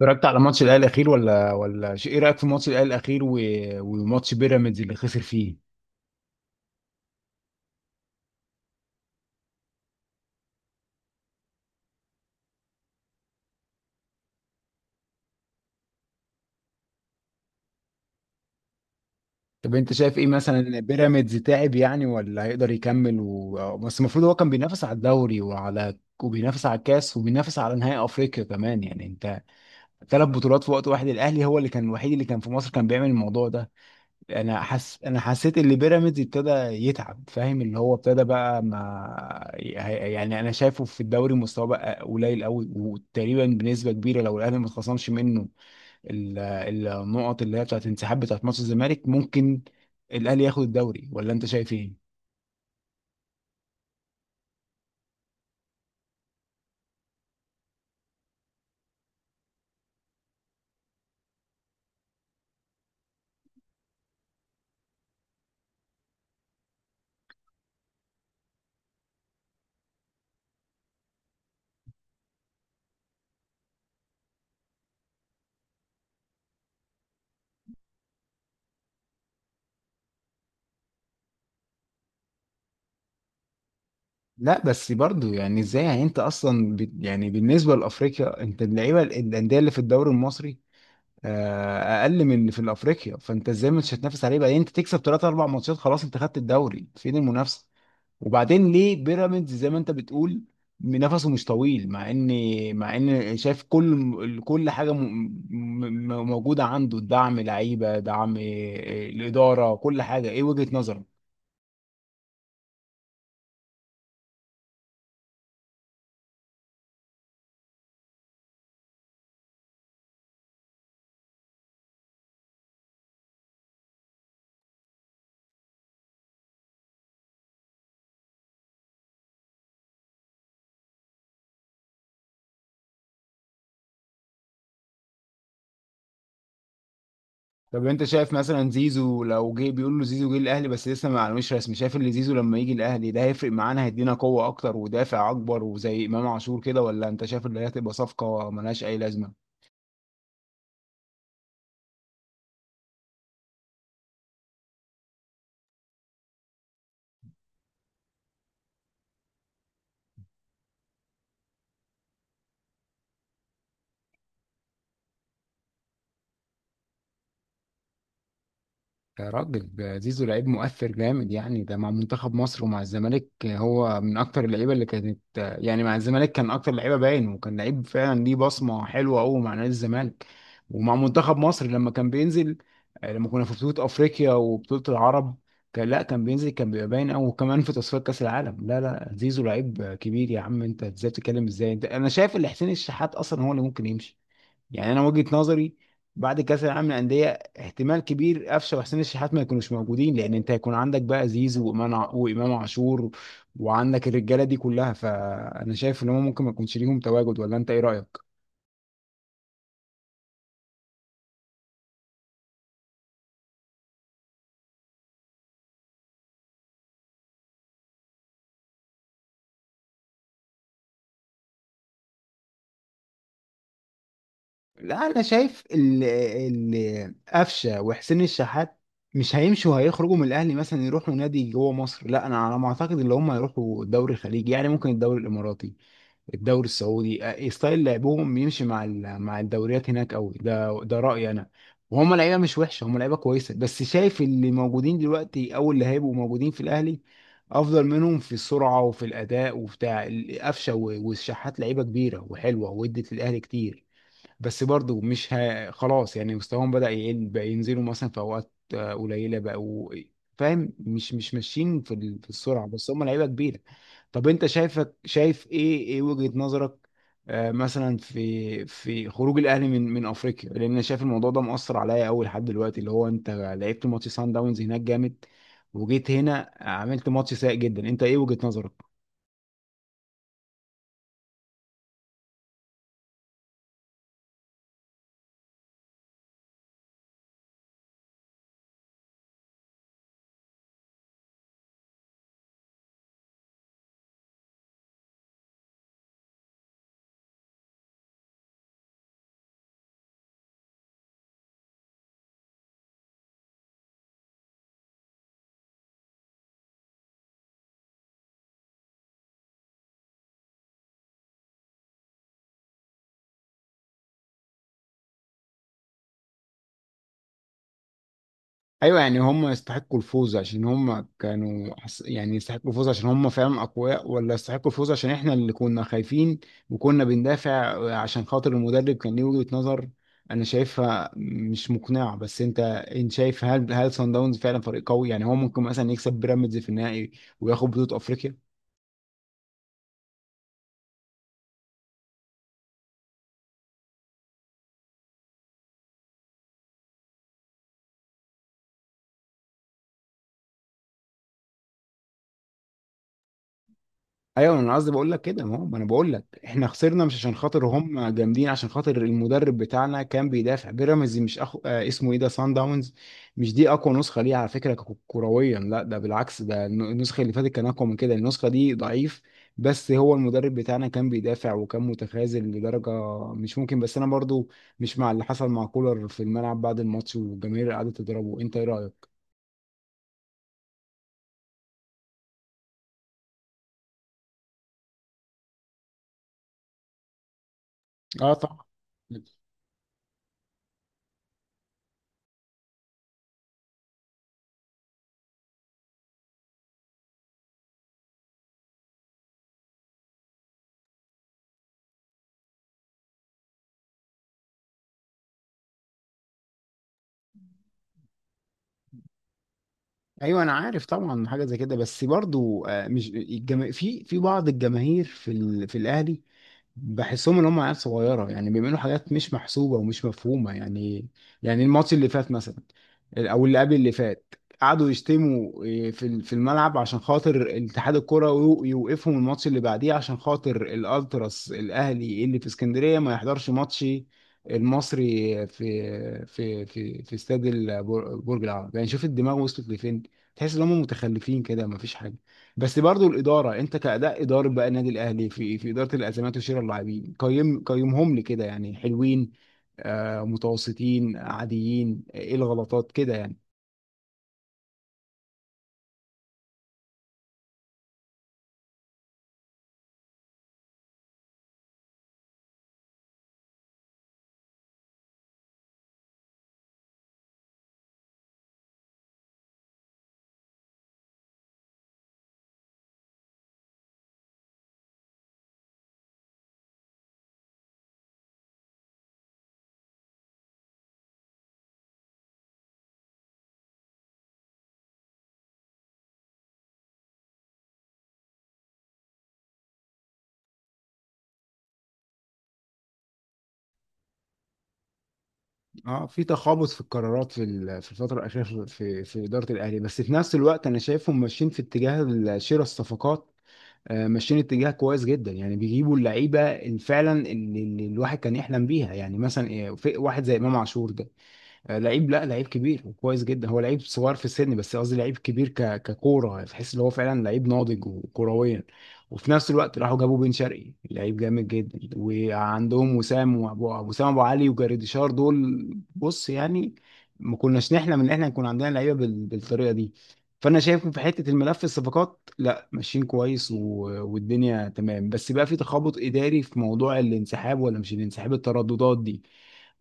اتفرجت على ماتش الاهلي الاخير ولا شيء؟ ايه رايك في ماتش الاهلي الاخير وماتش بيراميدز اللي خسر فيه؟ طب انت شايف ايه مثلا؟ بيراميدز تعب يعني ولا هيقدر يكمل؟ بس المفروض هو كان بينافس على الدوري وبينافس على الكاس وبينافس على نهائي افريقيا كمان، يعني انت ثلاث بطولات في وقت واحد. الاهلي هو اللي كان الوحيد اللي كان في مصر كان بيعمل الموضوع ده. انا حسيت ان بيراميدز ابتدى يتعب، فاهم؟ اللي هو ابتدى بقى، ما يعني انا شايفه في الدوري مستواه بقى قليل قوي، وتقريبا بنسبه كبيره لو الاهلي ما اتخصمش منه ال- النقط اللي هي بتاعت انسحاب، بتاعت ماتش الزمالك، ممكن الاهلي ياخد الدوري، ولا انت شايف ايه؟ لا بس برضو يعني ازاي؟ يعني انت اصلا يعني بالنسبه لافريقيا، انت اللعيبه، الانديه اللي في الدوري المصري اقل من اللي في الافريقيا، فانت ازاي مش هتنافس عليه؟ بعدين انت تكسب ثلاث اربع ماتشات خلاص انت خدت الدوري، فين المنافسه؟ وبعدين ليه بيراميدز زي ما انت بتقول نفسه مش طويل؟ مع ان مع ان شايف كل حاجه م... م... م- موجوده عنده: دعم، لعيبه، دعم، الاداره، كل حاجه. ايه وجهه نظرك؟ طب انت شايف مثلا زيزو لو جه، بيقول له زيزو جه الاهلي بس لسه ما معلومش رسمي، شايف ان زيزو لما يجي الاهلي ده هيفرق معانا، هيدينا قوة اكتر ودافع اكبر وزي امام عاشور كده، ولا انت شايف ان هي هتبقى صفقة ملهاش اي لازمة؟ يا راجل، ده زيزو لعيب مؤثر جامد يعني. ده مع منتخب مصر ومع الزمالك هو من اكتر اللعيبه اللي كانت يعني، مع الزمالك كان اكتر لعيبه باين، وكان لعيب فعلا ليه بصمه حلوه قوي مع نادي الزمالك، ومع منتخب مصر لما كان بينزل، لما كنا في بطوله افريقيا وبطوله العرب كان، لا، كان بينزل كان بيبقى باين قوي، وكمان في تصفيات كاس العالم. لا لا، زيزو لعيب كبير يا عم، انت ازاي بتتكلم ازاي؟ انت انا شايف ان حسين الشحات اصلا هو اللي ممكن يمشي، يعني انا وجهة نظري بعد كاس العالم للانديه احتمال كبير قفشه وحسين الشحات ما يكونوش موجودين، لان انت هيكون عندك بقى زيزو وامام عاشور، وعندك الرجاله دي كلها، فانا شايف ان هم ممكن ما يكونش ليهم تواجد، ولا انت ايه رايك؟ لا انا شايف ال قفشه وحسين الشحات مش هيمشوا هيخرجوا من الاهلي مثلا يروحوا نادي جوه مصر، لا انا على ما اعتقد اللي هم هيروحوا الدوري الخليجي، يعني ممكن الدوري الاماراتي، الدوري السعودي. ستايل لعبهم يمشي مع الدوريات هناك قوي، ده رأيي انا. وهم لعيبه مش وحشه، هم لعيبه كويسه، بس شايف اللي موجودين دلوقتي او اللي هيبقوا موجودين في الاهلي افضل منهم في السرعه وفي الاداء وبتاع. القفشه والشحات لعيبه كبيره وحلوه وادت للاهلي كتير، بس برضو مش ه... خلاص يعني مستواهم بدأ يقل، بقى ينزلوا مثلا في اوقات قليله، بقوا فاهم؟ مش ماشيين في السرعه، بس هم لعيبه كبيره. طب انت شايف ايه وجهه نظرك مثلا في خروج الاهلي من افريقيا، لان انا شايف الموضوع ده مؤثر عليا قوي لحد دلوقتي، اللي هو انت لعبت ماتش سان داونز هناك جامد، وجيت هنا عملت ماتش سيء جدا. انت ايه وجهه نظرك؟ ايوه، يعني هم يستحقوا الفوز عشان هم كانوا يعني يستحقوا الفوز عشان هم فعلا اقوياء، ولا يستحقوا الفوز عشان احنا اللي كنا خايفين وكنا بندافع عشان خاطر المدرب كان ليه وجهة نظر انا شايفها مش مقنعة؟ بس انت، انت شايف هل سان داونز فعلا فريق قوي؟ يعني هو ممكن مثلا يكسب بيراميدز في النهائي وياخد بطولة افريقيا؟ ايوه، انا قصدي بقول لك كده، ما هو ما انا بقول لك احنا خسرنا مش عشان خاطر هم جامدين، عشان خاطر المدرب بتاعنا كان بيدافع. بيراميدز دي مش أخو... آه اسمه ايه ده، سان داونز، مش دي اقوى نسخه ليه على فكره كرويا. لا ده بالعكس، ده النسخه اللي فاتت كان اقوى من كده، النسخه دي ضعيف. بس هو المدرب بتاعنا كان بيدافع وكان متخاذل لدرجه مش ممكن. بس انا برضو مش مع اللي حصل مع كولر في الملعب بعد الماتش والجماهير قعدت تضربه. انت ايه رايك؟ اه طبعا. ايوه انا عارف طبعا حاجه زي كده، بس برضو مش في بعض الجماهير في الاهلي، بحسهم ان هم عيال صغيره، يعني بيعملوا حاجات مش محسوبه ومش مفهومه يعني. يعني الماتش اللي فات مثلا، او اللي قبل اللي فات، قعدوا يشتموا في في الملعب عشان خاطر اتحاد الكرة، يوقفهم الماتش اللي بعديه عشان خاطر الالتراس الاهلي اللي في اسكندريه ما يحضرش ماتش المصري في في استاد برج العرب. يعني شوف الدماغ وصلت لفين، تحس ان هم متخلفين كده، ما فيش. بس برضو الاداره، انت كاداء اداره بقى النادي الاهلي في اداره الازمات وشراء اللاعبين، قيمهم لي كده يعني. حلوين، آه، متوسطين، عاديين، ايه الغلطات كده يعني؟ اه، في تخابط في القرارات في الفتره الاخيره في اداره الاهلي، بس في نفس الوقت انا شايفهم ماشيين في اتجاه شراء الصفقات. ماشيين اتجاه كويس جدا، يعني بيجيبوا اللعيبه اللي فعلا اللي الواحد كان يحلم بيها. يعني مثلا في واحد زي امام عاشور ده، لعيب، لا لعيب كبير وكويس جدا. هو لعيب صغير في السن، بس قصدي لعيب كبير ككوره، تحس ان هو فعلا لعيب ناضج وكرويا. وفي نفس الوقت راحوا جابوا بن شرقي، لعيب جامد جدا، وعندهم وسام وسام ابو علي وجريديشار دول. بص يعني ما كناش نحلم ان احنا يكون عندنا لعيبه بالطريقه دي. فانا شايف في حته الملف الصفقات لا ماشيين كويس والدنيا تمام، بس بقى في تخبط اداري في موضوع الانسحاب، ولا مش الانسحاب، الترددات دي.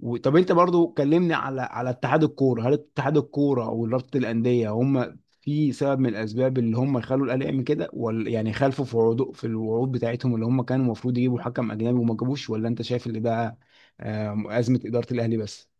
طب انت برضو كلمني على اتحاد الكوره، هل اتحاد الكوره ورابطه الانديه هم في سبب من الاسباب اللي هم خلوا الاهلي يعمل كده، ولا يعني خالفوا في عروض، في الوعود بتاعتهم اللي هم كانوا المفروض يجيبوا حكم اجنبي وما جابوش، ولا انت شايف اللي ده ازمه اداره الاهلي بس؟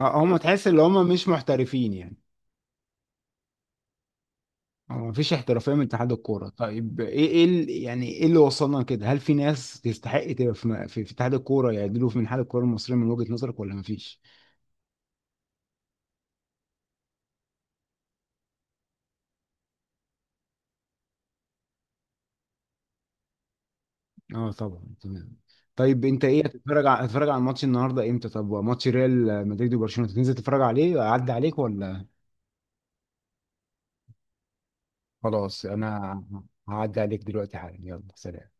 اه، هم تحس ان هم مش محترفين يعني، ما فيش احترافيه من اتحاد الكوره. طيب ايه يعني ايه اللي وصلنا كده؟ هل في ناس تستحق تبقى في في في اتحاد الكوره يعدلوا من اتحاد الكوره المصريه من وجهه نظرك، ولا ما فيش؟ اه طبعا تمام. طيب انت ايه، هتتفرج على، هتتفرج على الماتش النهارده امتى؟ طب ماتش ريال مدريد وبرشلونه تنزل تتفرج عليه، اعدي عليك ولا؟ خلاص، انا هعدي عليك دلوقتي حالا، يلا سلام.